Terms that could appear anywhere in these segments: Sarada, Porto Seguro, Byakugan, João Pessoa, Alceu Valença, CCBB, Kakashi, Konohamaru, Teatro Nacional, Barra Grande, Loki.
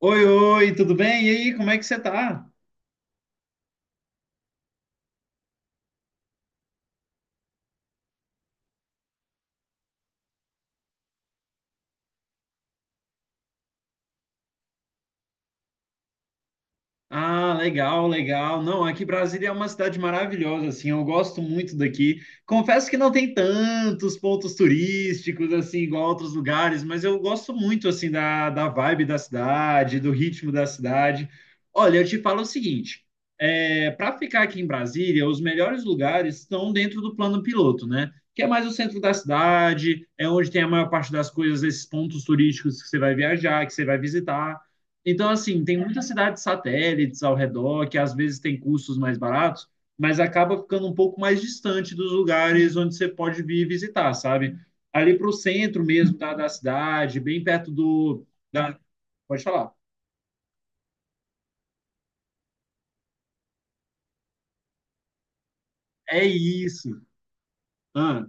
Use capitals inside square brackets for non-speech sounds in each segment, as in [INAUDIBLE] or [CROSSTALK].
Oi, oi, tudo bem? E aí, como é que você tá? Ah, legal, legal. Não, aqui Brasília é uma cidade maravilhosa, assim, eu gosto muito daqui. Confesso que não tem tantos pontos turísticos, assim, igual outros lugares, mas eu gosto muito, assim, da vibe da cidade, do ritmo da cidade. Olha, eu te falo o seguinte, para ficar aqui em Brasília, os melhores lugares estão dentro do plano piloto, né? Que é mais o centro da cidade, é onde tem a maior parte das coisas, esses pontos turísticos que você vai viajar, que você vai visitar. Então, assim, tem muitas cidades satélites ao redor que às vezes tem custos mais baratos, mas acaba ficando um pouco mais distante dos lugares onde você pode vir visitar, sabe? Ali para o centro mesmo da cidade, bem perto do. Da... Pode falar. É isso. Ah.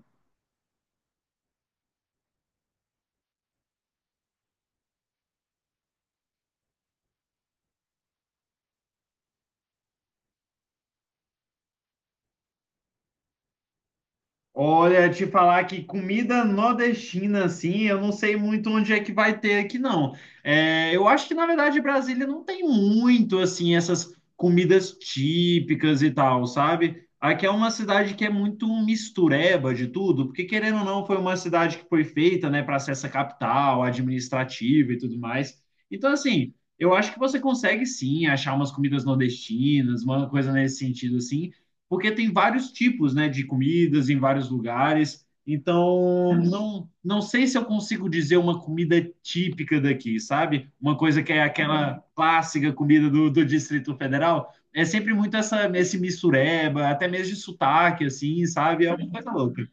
Olha, te falar que comida nordestina, assim, eu não sei muito onde é que vai ter aqui, não. É, eu acho que, na verdade, Brasília não tem muito, assim, essas comidas típicas e tal, sabe? Aqui é uma cidade que é muito mistureba de tudo, porque, querendo ou não, foi uma cidade que foi feita, né, para ser essa capital administrativa e tudo mais. Então, assim, eu acho que você consegue, sim, achar umas comidas nordestinas, uma coisa nesse sentido, assim porque tem vários tipos, né, de comidas em vários lugares. Então, não sei se eu consigo dizer uma comida típica daqui, sabe? Uma coisa que é aquela clássica comida do Distrito Federal. É sempre muito essa, esse mistureba, até mesmo de sotaque, assim, sabe? É uma coisa louca.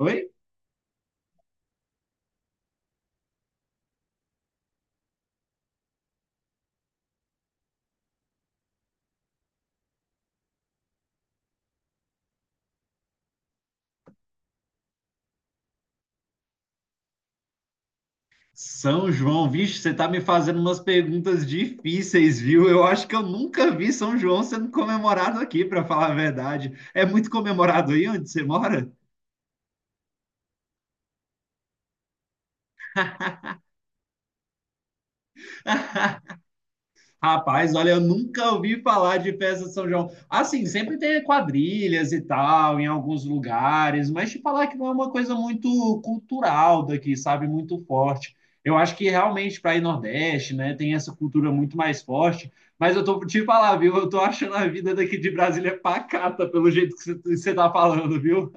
Oi? São João, vixe, você tá me fazendo umas perguntas difíceis, viu? Eu acho que eu nunca vi São João sendo comemorado aqui, para falar a verdade. É muito comemorado aí onde você mora? [LAUGHS] Rapaz, olha, eu nunca ouvi falar de festa de São João. Assim, sempre tem quadrilhas e tal, em alguns lugares, mas te falar que não é uma coisa muito cultural daqui, sabe? Muito forte. Eu acho que realmente para ir Nordeste, né, tem essa cultura muito mais forte. Mas eu tô te falar, viu? Eu tô achando a vida daqui de Brasília pacata, pelo jeito que você tá falando, viu?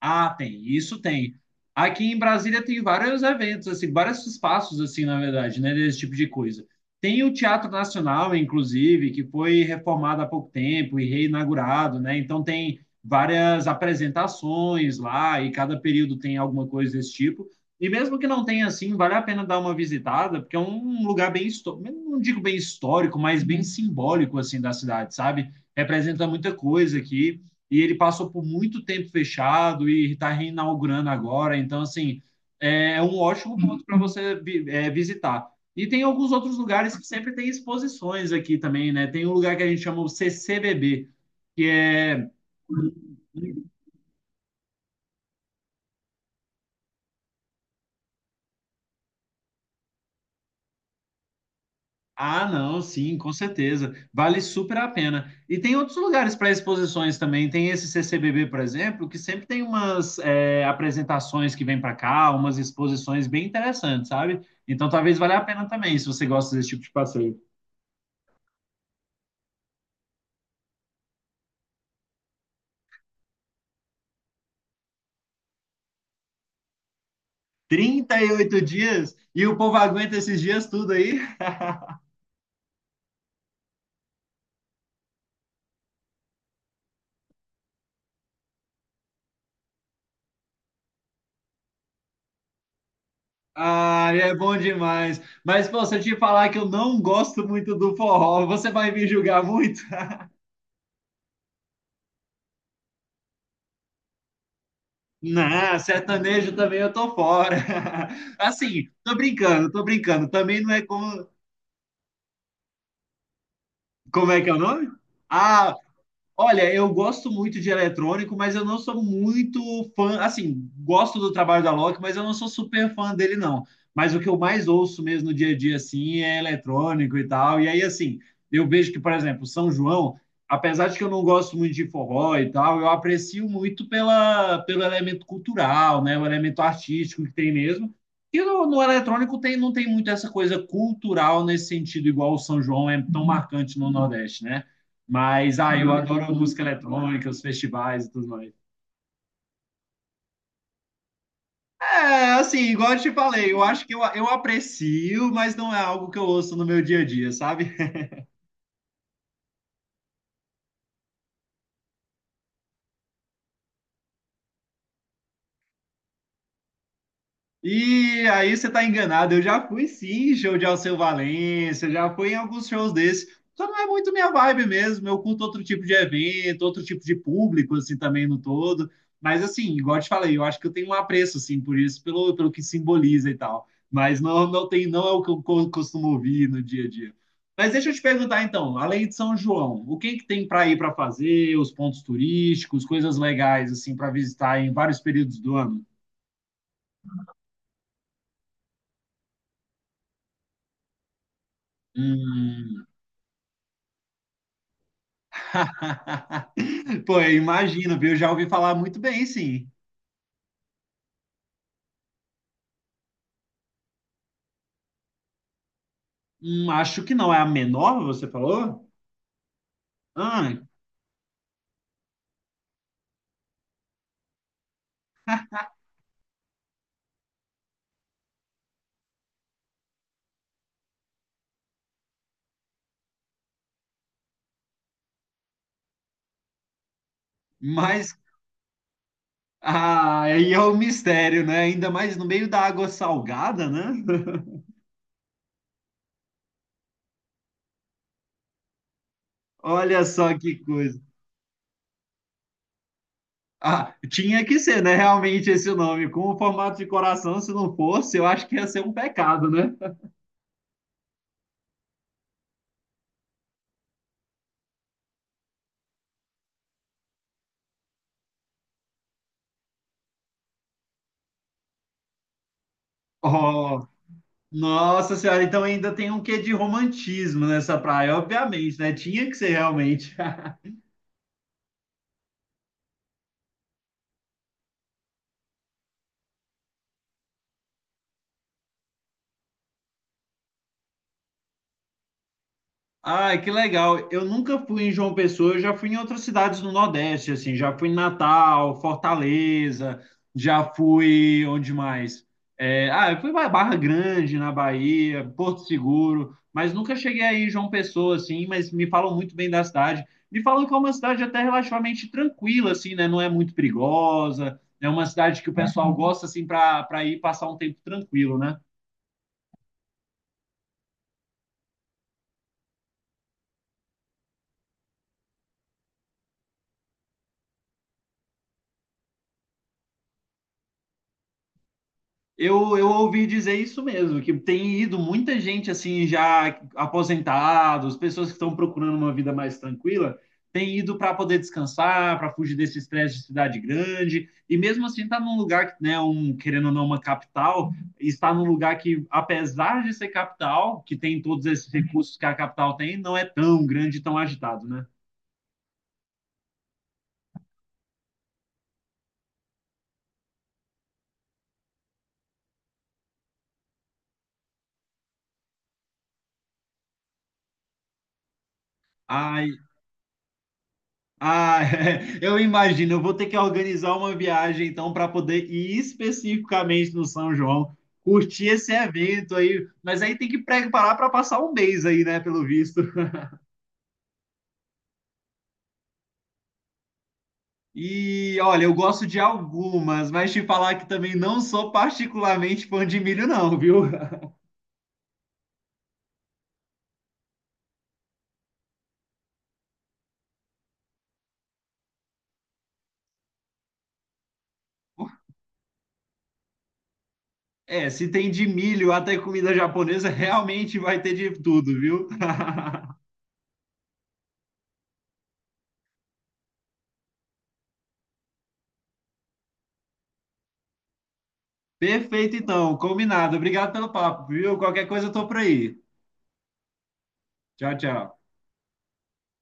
Ah, tem, isso tem. Aqui em Brasília tem vários eventos, assim, vários espaços, assim, na verdade, né, desse tipo de coisa. Tem o Teatro Nacional, inclusive, que foi reformado há pouco tempo e reinaugurado, né? Então tem várias apresentações lá e cada período tem alguma coisa desse tipo. E mesmo que não tenha assim, vale a pena dar uma visitada, porque é um lugar bem, não digo bem histórico, mas bem simbólico assim da cidade, sabe? Representa muita coisa aqui e ele passou por muito tempo fechado e está reinaugurando agora. Então, assim, é um ótimo ponto para você visitar. E tem alguns outros lugares que sempre tem exposições aqui também, né? Tem um lugar que a gente chama o CCBB, que é um. Ah, não, sim, com certeza. Vale super a pena. E tem outros lugares para exposições também. Tem esse CCBB, por exemplo, que sempre tem umas apresentações que vêm para cá, umas exposições bem interessantes, sabe? Então talvez valha a pena também, se você gosta desse tipo de passeio. 38 dias e o povo aguenta esses dias tudo aí? [LAUGHS] Ah, é bom demais. Mas, pô, se eu te falar que eu não gosto muito do forró, você vai me julgar muito? Não, sertanejo também eu tô fora. [LAUGHS] Assim, tô brincando, tô brincando. Também não é como. Como é que é o nome? Ah, olha, eu gosto muito de eletrônico, mas eu não sou muito fã. Assim, gosto do trabalho da Loki, mas eu não sou super fã dele, não. Mas o que eu mais ouço mesmo no dia a dia, assim, é eletrônico e tal. E aí, assim, eu vejo que, por exemplo, São João, apesar de que eu não gosto muito de forró e tal, eu aprecio muito pelo elemento cultural, né? O elemento artístico que tem mesmo. E no eletrônico tem, não tem muito essa coisa cultural nesse sentido, igual o São João é tão marcante no Nordeste, né? Mas, ah, eu adoro música eletrônica, os festivais e tudo mais. É, assim, igual eu te falei, eu acho que eu aprecio, mas não é algo que eu ouço no meu dia a dia, sabe? E aí você tá enganado. Eu já fui sim, em show de Alceu Valença, já fui em alguns shows desses. Só não é muito minha vibe mesmo. Eu curto outro tipo de evento, outro tipo de público, assim, também no todo. Mas assim, igual eu te falei, eu acho que eu tenho um apreço, assim, por isso, pelo que simboliza e tal. Mas não, não tem, não é o que eu costumo ouvir no dia a dia. Mas deixa eu te perguntar então, além de São João, o que que tem para ir para fazer, os pontos turísticos, coisas legais assim para visitar em vários períodos do ano? Hum. [LAUGHS] Pô, eu imagino, viu? Já ouvi falar muito bem, sim. Acho que não é a menor, você falou? Ah, mas ah, aí é o mistério, né? Ainda mais no meio da água salgada, né? [LAUGHS] Olha só que coisa. Ah, tinha que ser, né? Realmente esse nome. Com o formato de coração, se não fosse, eu acho que ia ser um pecado, né? Oh, nossa senhora, então ainda tem um quê de romantismo nessa praia, obviamente, né? Tinha que ser realmente. [LAUGHS] Ai, que legal. Eu nunca fui em João Pessoa, eu já fui em outras cidades no Nordeste, assim, já fui em Natal, Fortaleza, já fui onde mais? Eu fui para Barra Grande, na Bahia, Porto Seguro, mas nunca cheguei aí em João Pessoa, assim, mas me falam muito bem da cidade. Me falam que é uma cidade até relativamente tranquila, assim, né? Não é muito perigosa, é uma cidade que o pessoal gosta, assim, para ir passar um tempo tranquilo, né? Eu ouvi dizer isso mesmo, que tem ido muita gente assim já aposentados, pessoas que estão procurando uma vida mais tranquila, tem ido para poder descansar, para fugir desse estresse de cidade grande, e mesmo assim está num lugar que, né, um, querendo ou não, uma capital, está num lugar que, apesar de ser capital, que tem todos esses recursos que a capital tem, não é tão grande e tão agitado, né? Ai, ah, [LAUGHS] eu imagino. Eu vou ter que organizar uma viagem então para poder ir especificamente no São João, curtir esse evento aí. Mas aí tem que preparar para passar um mês aí, né? Pelo visto. E olha, eu gosto de algumas, mas te falar que também não sou particularmente fã de milho, não, viu? [LAUGHS] É, se tem de milho até comida japonesa, realmente vai ter de tudo, viu? [LAUGHS] Perfeito, então, combinado. Obrigado pelo papo, viu? Qualquer coisa eu tô por aí. Tchau, tchau.